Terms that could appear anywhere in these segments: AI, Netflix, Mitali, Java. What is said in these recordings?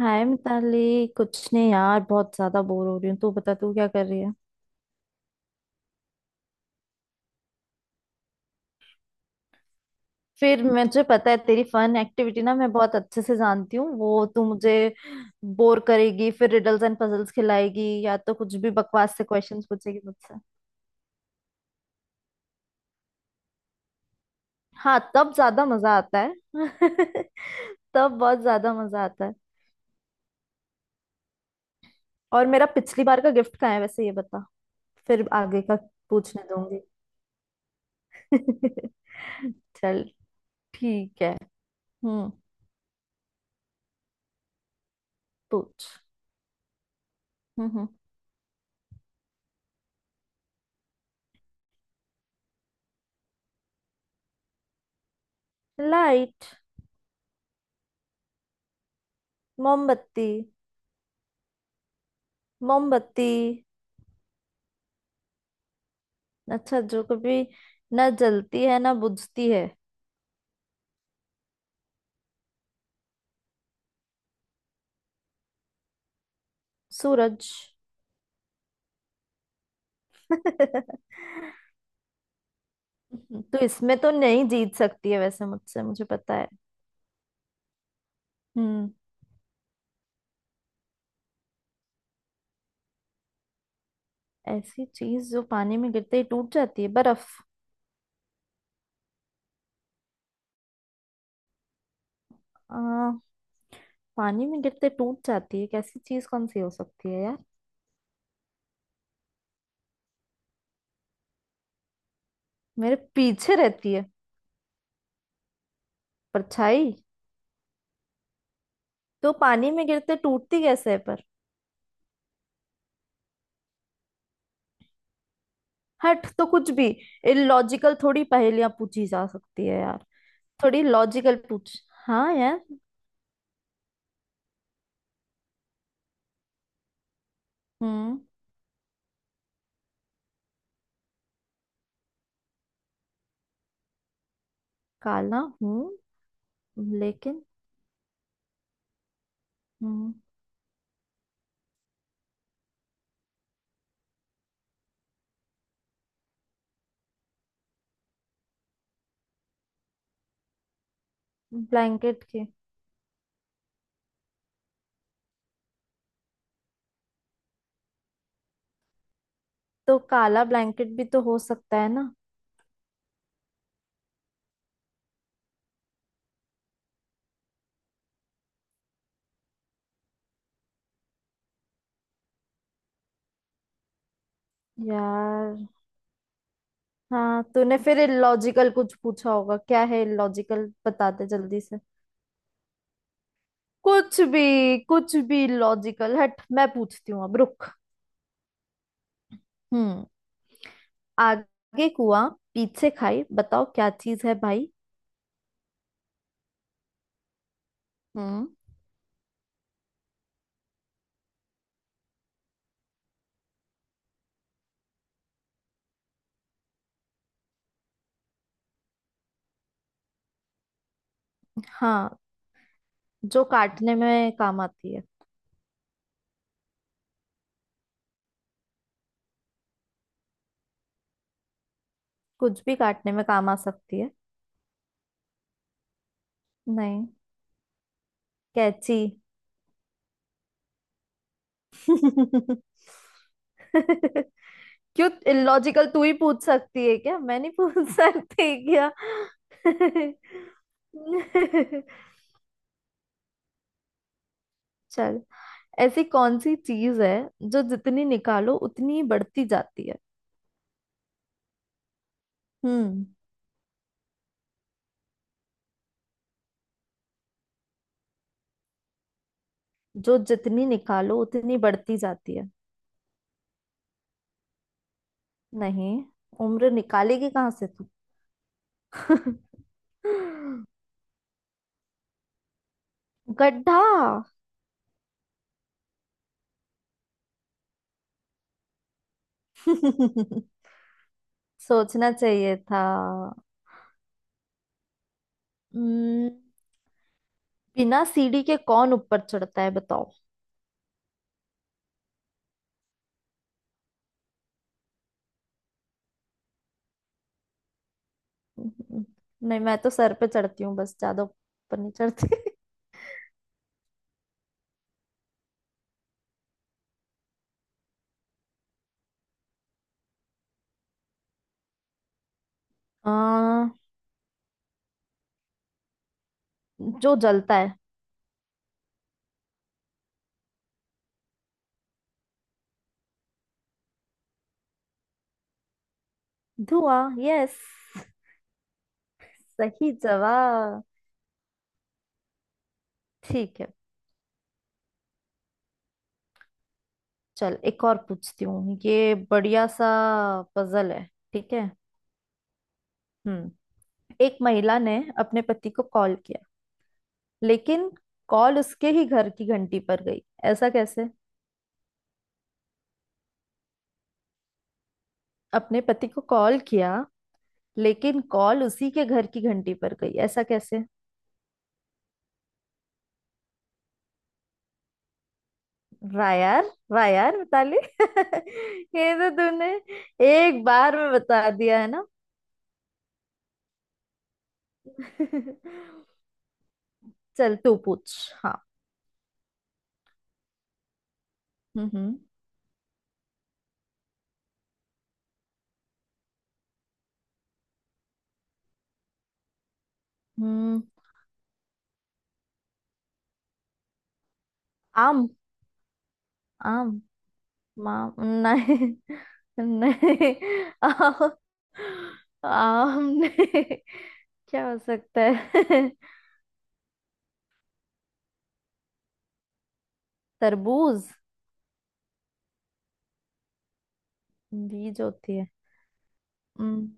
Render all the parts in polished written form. हाय मिताली, कुछ नहीं यार, बहुत ज्यादा बोर हो रही हूँ। तू बता, तू क्या कर रही है। फिर मुझे पता है तेरी फन एक्टिविटी, मैं बहुत अच्छे से जानती हूँ। वो तू मुझे बोर करेगी, फिर रिडल्स एंड पजल्स खिलाएगी या तो कुछ भी बकवास से क्वेश्चंस पूछेगी मुझसे। हाँ, तब ज्यादा मजा आता है। तब बहुत ज्यादा मजा आता है। और मेरा पिछली बार का गिफ्ट कहाँ है वैसे, ये बता। फिर आगे का पूछने दूंगी। चल, ठीक है। हम्म। पूछ। हम्म। लाइट। मोमबत्ती। मोमबत्ती। अच्छा, जो कभी जलती है ना बुझती है। सूरज। तो इसमें तो नहीं जीत सकती है वैसे मुझसे, मुझे पता है। हम्म। ऐसी चीज जो पानी में गिरते ही टूट जाती है, बर्फ। आ, पानी में गिरते टूट जाती है, कैसी चीज कौन सी हो सकती है यार। मेरे पीछे रहती है, परछाई। तो पानी में गिरते टूटती कैसे है पर। हट, तो कुछ भी इलॉजिकल थोड़ी पहेलियां पूछी जा सकती है यार। थोड़ी लॉजिकल पूछ हाँ यार। हम्म। काला हूँ लेकिन। हम्म। ब्लैंकेट के। तो काला ब्लैंकेट भी तो हो सकता है ना यार। हाँ तूने फिर इलॉजिकल कुछ पूछा होगा, क्या है इलॉजिकल बताते जल्दी से। कुछ भी, कुछ भी लॉजिकल, हट, मैं पूछती हूँ अब, रुक। हम्म। आगे कुआं पीछे खाई, बताओ क्या चीज है भाई। हम्म। हाँ, जो काटने में काम आती है। कुछ भी काटने में काम आ सकती है। नहीं। कैची। क्यों, इलॉजिकल तू ही पूछ सकती है क्या, मैं नहीं पूछ सकती क्या। चल, ऐसी कौन सी चीज है जो जितनी निकालो उतनी ही बढ़ती जाती है। हम्म। जो जितनी निकालो उतनी बढ़ती जाती है। नहीं, उम्र निकालेगी कहाँ से तू। गड्ढा। सोचना चाहिए था। हम्म। बिना सीढ़ी के कौन ऊपर चढ़ता है, बताओ। नहीं, मैं तो सर पे चढ़ती हूँ बस, ज्यादा ऊपर नहीं चढ़ती। आ, जो जलता है। धुआं, यस। सही जवाब। ठीक है, चल एक और पूछती हूँ, ये बढ़िया सा पजल है। ठीक है। हम्म। एक महिला ने अपने पति को कॉल किया, लेकिन कॉल उसके ही घर की घंटी पर गई, ऐसा कैसे। अपने पति को कॉल किया, लेकिन कॉल उसी के घर की घंटी पर गई, ऐसा कैसे। वाह यार, वाह यार मिताली। ये तो तूने एक बार में बता दिया है ना। चल तू पूछ। हाँ। हम्म। हम्म। हम्म। आम। आम। माम। नहीं। नहीं, आम। आम नहीं। क्या हो सकता है। तरबूज। बीज होती है। हम्म।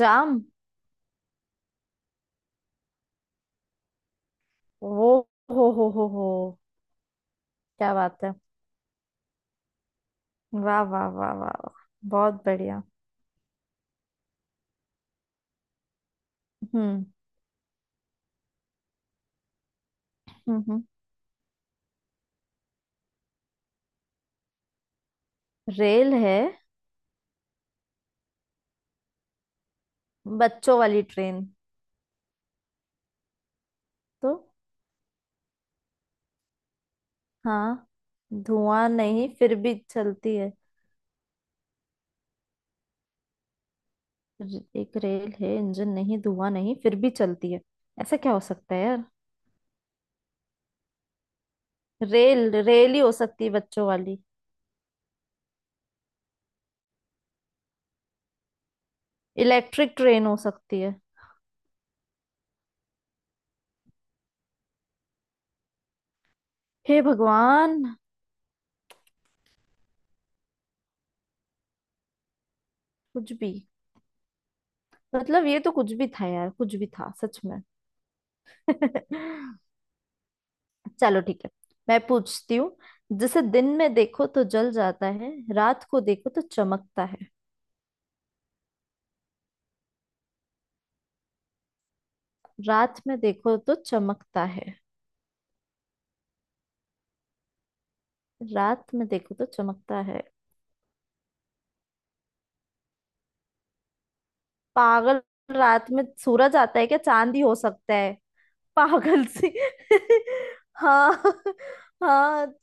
जाम। वो, हो, क्या बात है। वाह वाह वाह वाह वाह, बहुत बढ़िया। हम्म। हम्म। रेल है। बच्चों वाली ट्रेन। तो। हाँ। धुआं नहीं फिर भी चलती है। एक रेल है, इंजन नहीं, धुआं नहीं, फिर भी चलती है, ऐसा क्या हो सकता है यार। रेल रेल ही हो सकती है बच्चों वाली। इलेक्ट्रिक ट्रेन हो सकती है। हे भगवान। कुछ भी, मतलब ये तो कुछ भी था यार, कुछ भी था सच में। चलो ठीक है, मैं पूछती हूँ। जिसे दिन में देखो तो जल जाता है, रात को देखो तो चमकता है। रात में देखो तो चमकता है। रात में देखो तो चमकता है पागल। रात में सूरज आता है क्या, चांद ही हो सकता है पागल सी। हाँ। हाँ,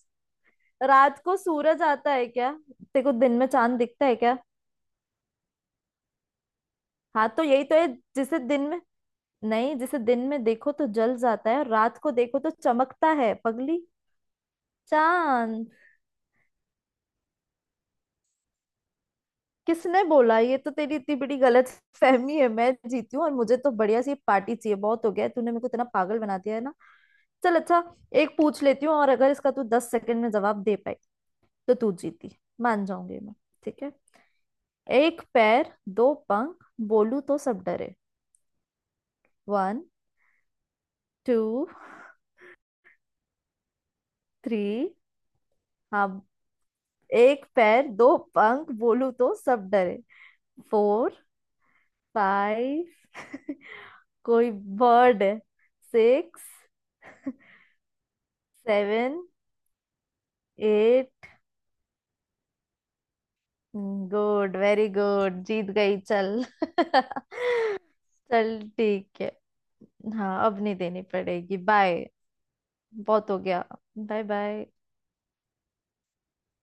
रात को सूरज आता है क्या, देखो दिन में चांद दिखता है क्या। हाँ तो यही तो है। जिसे दिन में, नहीं जिसे दिन में देखो तो जल जाता है और रात को देखो तो चमकता है पगली। चांद। किसने बोला, ये तो तेरी इतनी बड़ी गलत फहमी है, मैं जीती हूँ और मुझे तो बढ़िया सी पार्टी चाहिए, बहुत हो गया है, तूने मेरे को इतना पागल बना दिया है ना। चल अच्छा, एक पूछ लेती हूँ और अगर इसका तू 10 सेकंड में जवाब दे पाई तो तू जीती, मान जाऊंगी मैं। ठीक है। एक पैर, दो पंख, बोलू तो सब डरे। वन। टू। थ्री। हाँ, एक पैर दो पंख बोलू तो सब डरे। फोर। फाइव। कोई बर्ड है। Six. Seven. Eight. Good, very good, जीत गई, चल। चल ठीक है। हाँ अब नहीं देनी पड़ेगी, बाय, बहुत हो गया। Bye bye.